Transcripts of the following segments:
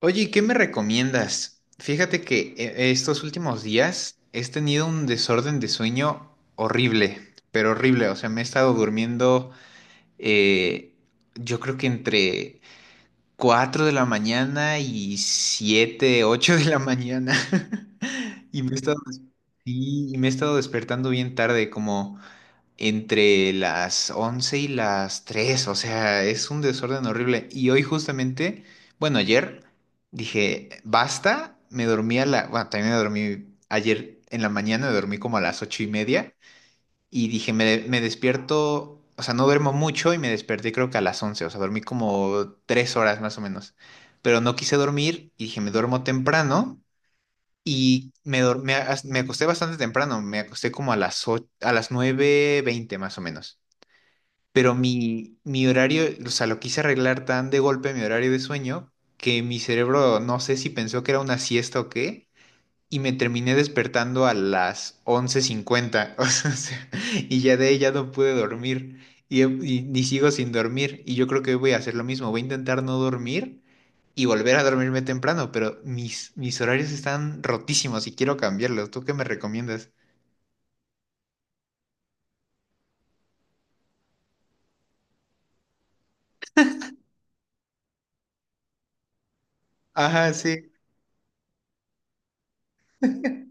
Oye, ¿y ¿qué me recomiendas? Fíjate que estos últimos días he tenido un desorden de sueño horrible, pero horrible. O sea, me he estado durmiendo, eh, yo creo que entre 4 de la mañana y 7, 8 de la mañana. Y me he estado, sí, y me he estado despertando bien tarde, como entre las 11 y las 3, o sea, es un desorden horrible. Y hoy justamente, bueno, ayer dije, basta, me dormí a la, bueno, también me dormí ayer en la mañana, me dormí como a las ocho y media y dije, me despierto, o sea, no duermo mucho y me desperté creo que a las 11, o sea, dormí como tres horas más o menos, pero no quise dormir y dije, me duermo temprano. Me acosté bastante temprano, me acosté como a a las nueve veinte más o menos, pero mi horario, o sea, lo quise arreglar tan de golpe mi horario de sueño, que mi cerebro no sé si pensó que era una siesta o qué, y me terminé despertando a las 11:50, o sea, y ya de ahí ya no pude dormir, y sigo sin dormir, y yo creo que hoy voy a hacer lo mismo, voy a intentar no dormir y volver a dormirme temprano, pero mis horarios están rotísimos y quiero cambiarlos. ¿Tú qué me recomiendas? Ajá, sí.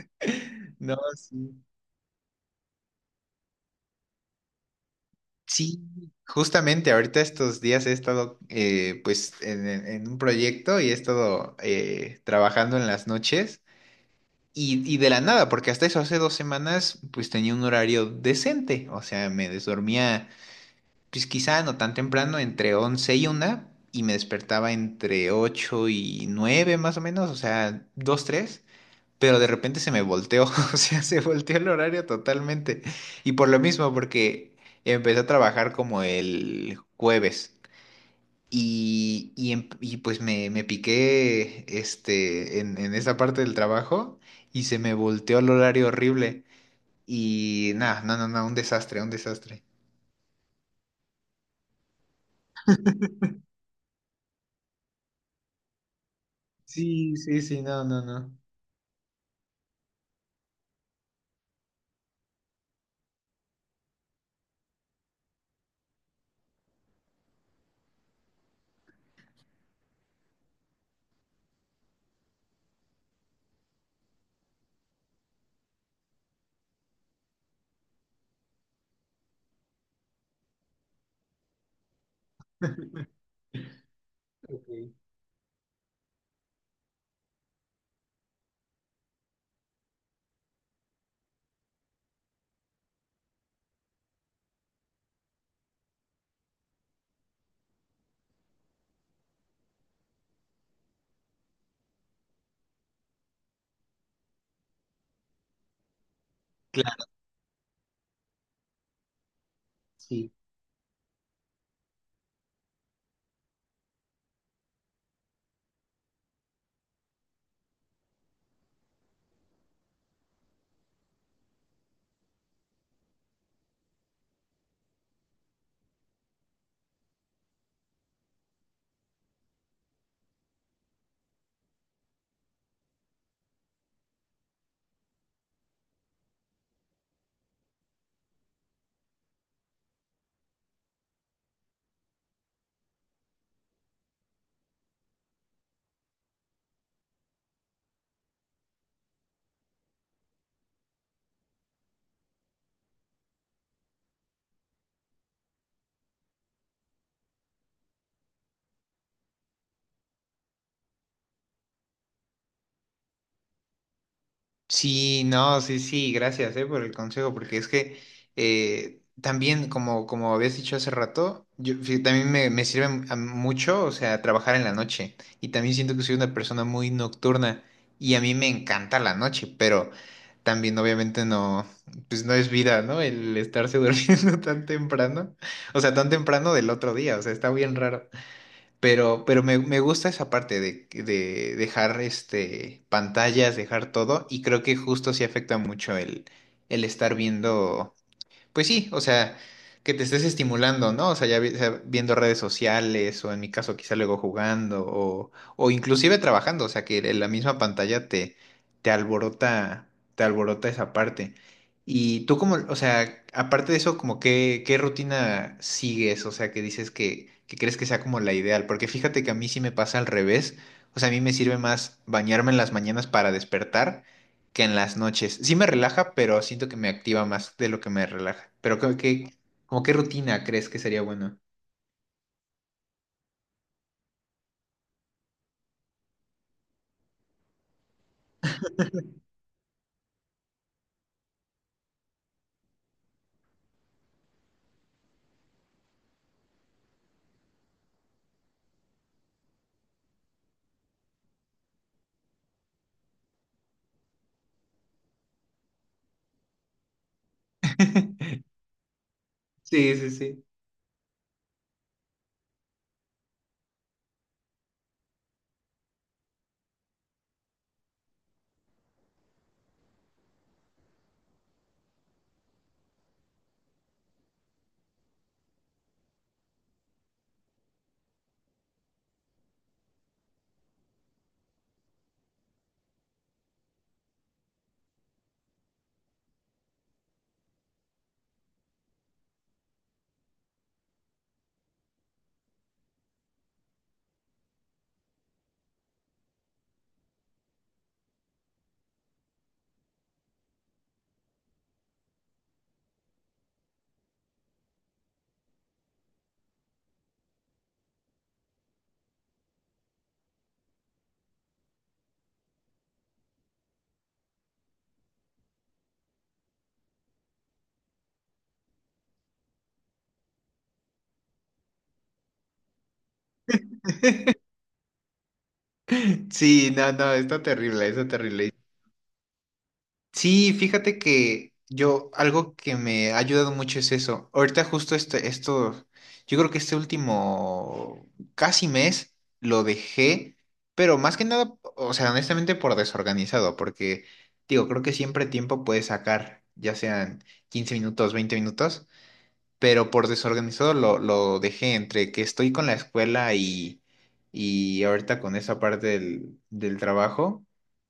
No, sí. Sí, justamente ahorita estos días he estado, pues en un proyecto y he estado, trabajando en las noches y de la nada, porque hasta eso hace dos semanas pues tenía un horario decente, o sea, me desdormía pues quizá no tan temprano, entre 11 y una, y me despertaba entre 8 y 9 más o menos, o sea, 2 tres, pero de repente se me volteó, o sea, se volteó el horario totalmente. Y por lo mismo, porque empecé a trabajar como el jueves. Y, y pues me piqué este, en esa parte del trabajo, y se me volteó el horario horrible. Y nada, no, no, no, un desastre, un desastre. Sí, sí, sí, no, no, no. Ok. Claro. Sí. Sí, no, sí, sí, gracias, por el consejo, porque es que, también, como habías dicho hace rato, también me sirve a mucho, o sea, trabajar en la noche. Y también siento que soy una persona muy nocturna y a mí me encanta la noche, pero también obviamente no, pues no es vida, ¿no? El estarse durmiendo tan temprano, o sea, tan temprano del otro día, o sea, está bien raro. Pero me gusta esa parte de dejar este, pantallas, dejar todo, y creo que justo sí afecta mucho el estar viendo. Pues sí, o sea, que te estés estimulando, ¿no? O sea, o sea, viendo redes sociales o en mi caso quizá luego jugando o inclusive trabajando, o sea, que en la misma pantalla te alborota, te alborota esa parte. Y tú como, o sea, aparte de eso, como qué rutina sigues, o sea, que crees que sea como la ideal, porque fíjate que a mí sí me pasa al revés, o sea, a mí me sirve más bañarme en las mañanas para despertar que en las noches. Sí me relaja, pero siento que me activa más de lo que me relaja. Pero creo que, como qué rutina crees que sería bueno. Sí, sí, sí. Sí, no, no, está terrible, está terrible. Sí, fíjate que yo, algo que me ha ayudado mucho es eso. Ahorita justo esto, yo creo que este último casi mes lo dejé, pero más que nada, o sea, honestamente por desorganizado, porque digo, creo que siempre tiempo puedes sacar, ya sean 15 minutos, 20 minutos, pero por desorganizado lo dejé entre que estoy con la escuela y ahorita con esa parte del trabajo,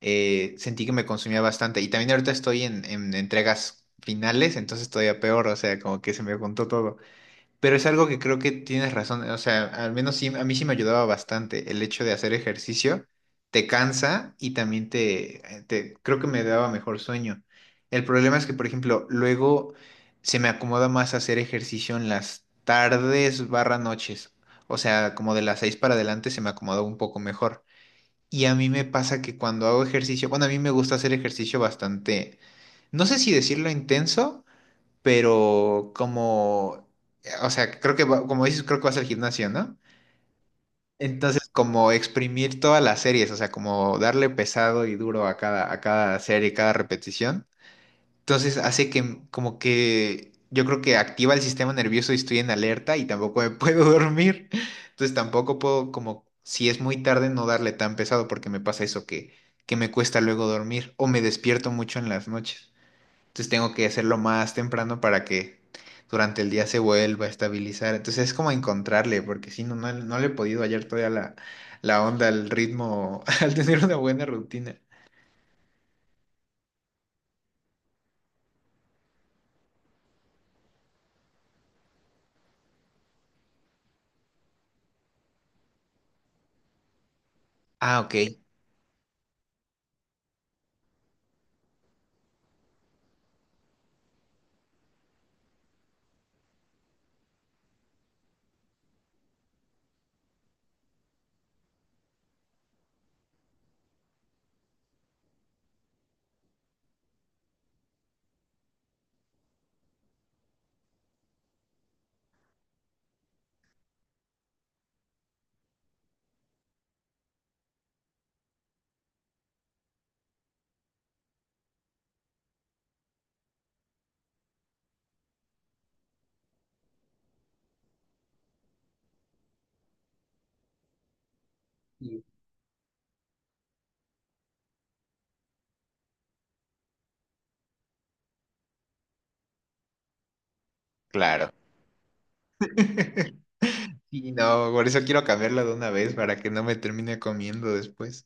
sentí que me consumía bastante. Y también ahorita estoy en entregas finales, entonces todavía peor, o sea, como que se me juntó todo. Pero es algo que creo que tienes razón, o sea, al menos sí, a mí sí me ayudaba bastante el hecho de hacer ejercicio, te cansa y también te, creo que me daba mejor sueño. El problema es que, por ejemplo, luego se me acomoda más hacer ejercicio en las tardes barra noches, o sea, como de las seis para adelante se me acomoda un poco mejor. Y a mí me pasa que cuando hago ejercicio, bueno, a mí me gusta hacer ejercicio bastante, no sé si decirlo intenso, pero como, o sea, creo que, como dices, creo que vas al gimnasio, ¿no? Entonces, como exprimir todas las series, o sea, como darle pesado y duro a cada serie, cada repetición. Entonces, hace que como que yo creo que activa el sistema nervioso y estoy en alerta y tampoco me puedo dormir. Entonces, tampoco puedo como, si es muy tarde, no darle tan pesado porque me pasa eso que me cuesta luego dormir o me despierto mucho en las noches. Entonces tengo que hacerlo más temprano para que durante el día se vuelva a estabilizar. Entonces es como encontrarle, porque si no, no, no le he podido hallar todavía la onda, el ritmo, al tener una buena rutina. Ah, ok, y claro. Y no, por eso quiero cambiarla de una vez para que no me termine comiendo después.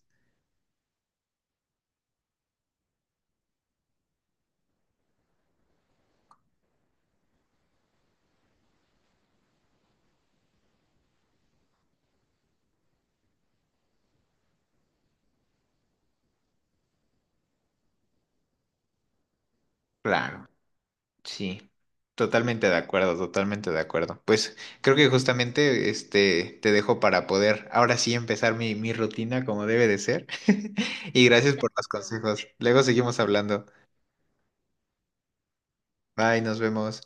Claro. Sí, totalmente de acuerdo, totalmente de acuerdo. Pues creo que justamente este te dejo para poder ahora sí empezar mi rutina como debe de ser. Y gracias por los consejos. Luego seguimos hablando. Bye, nos vemos.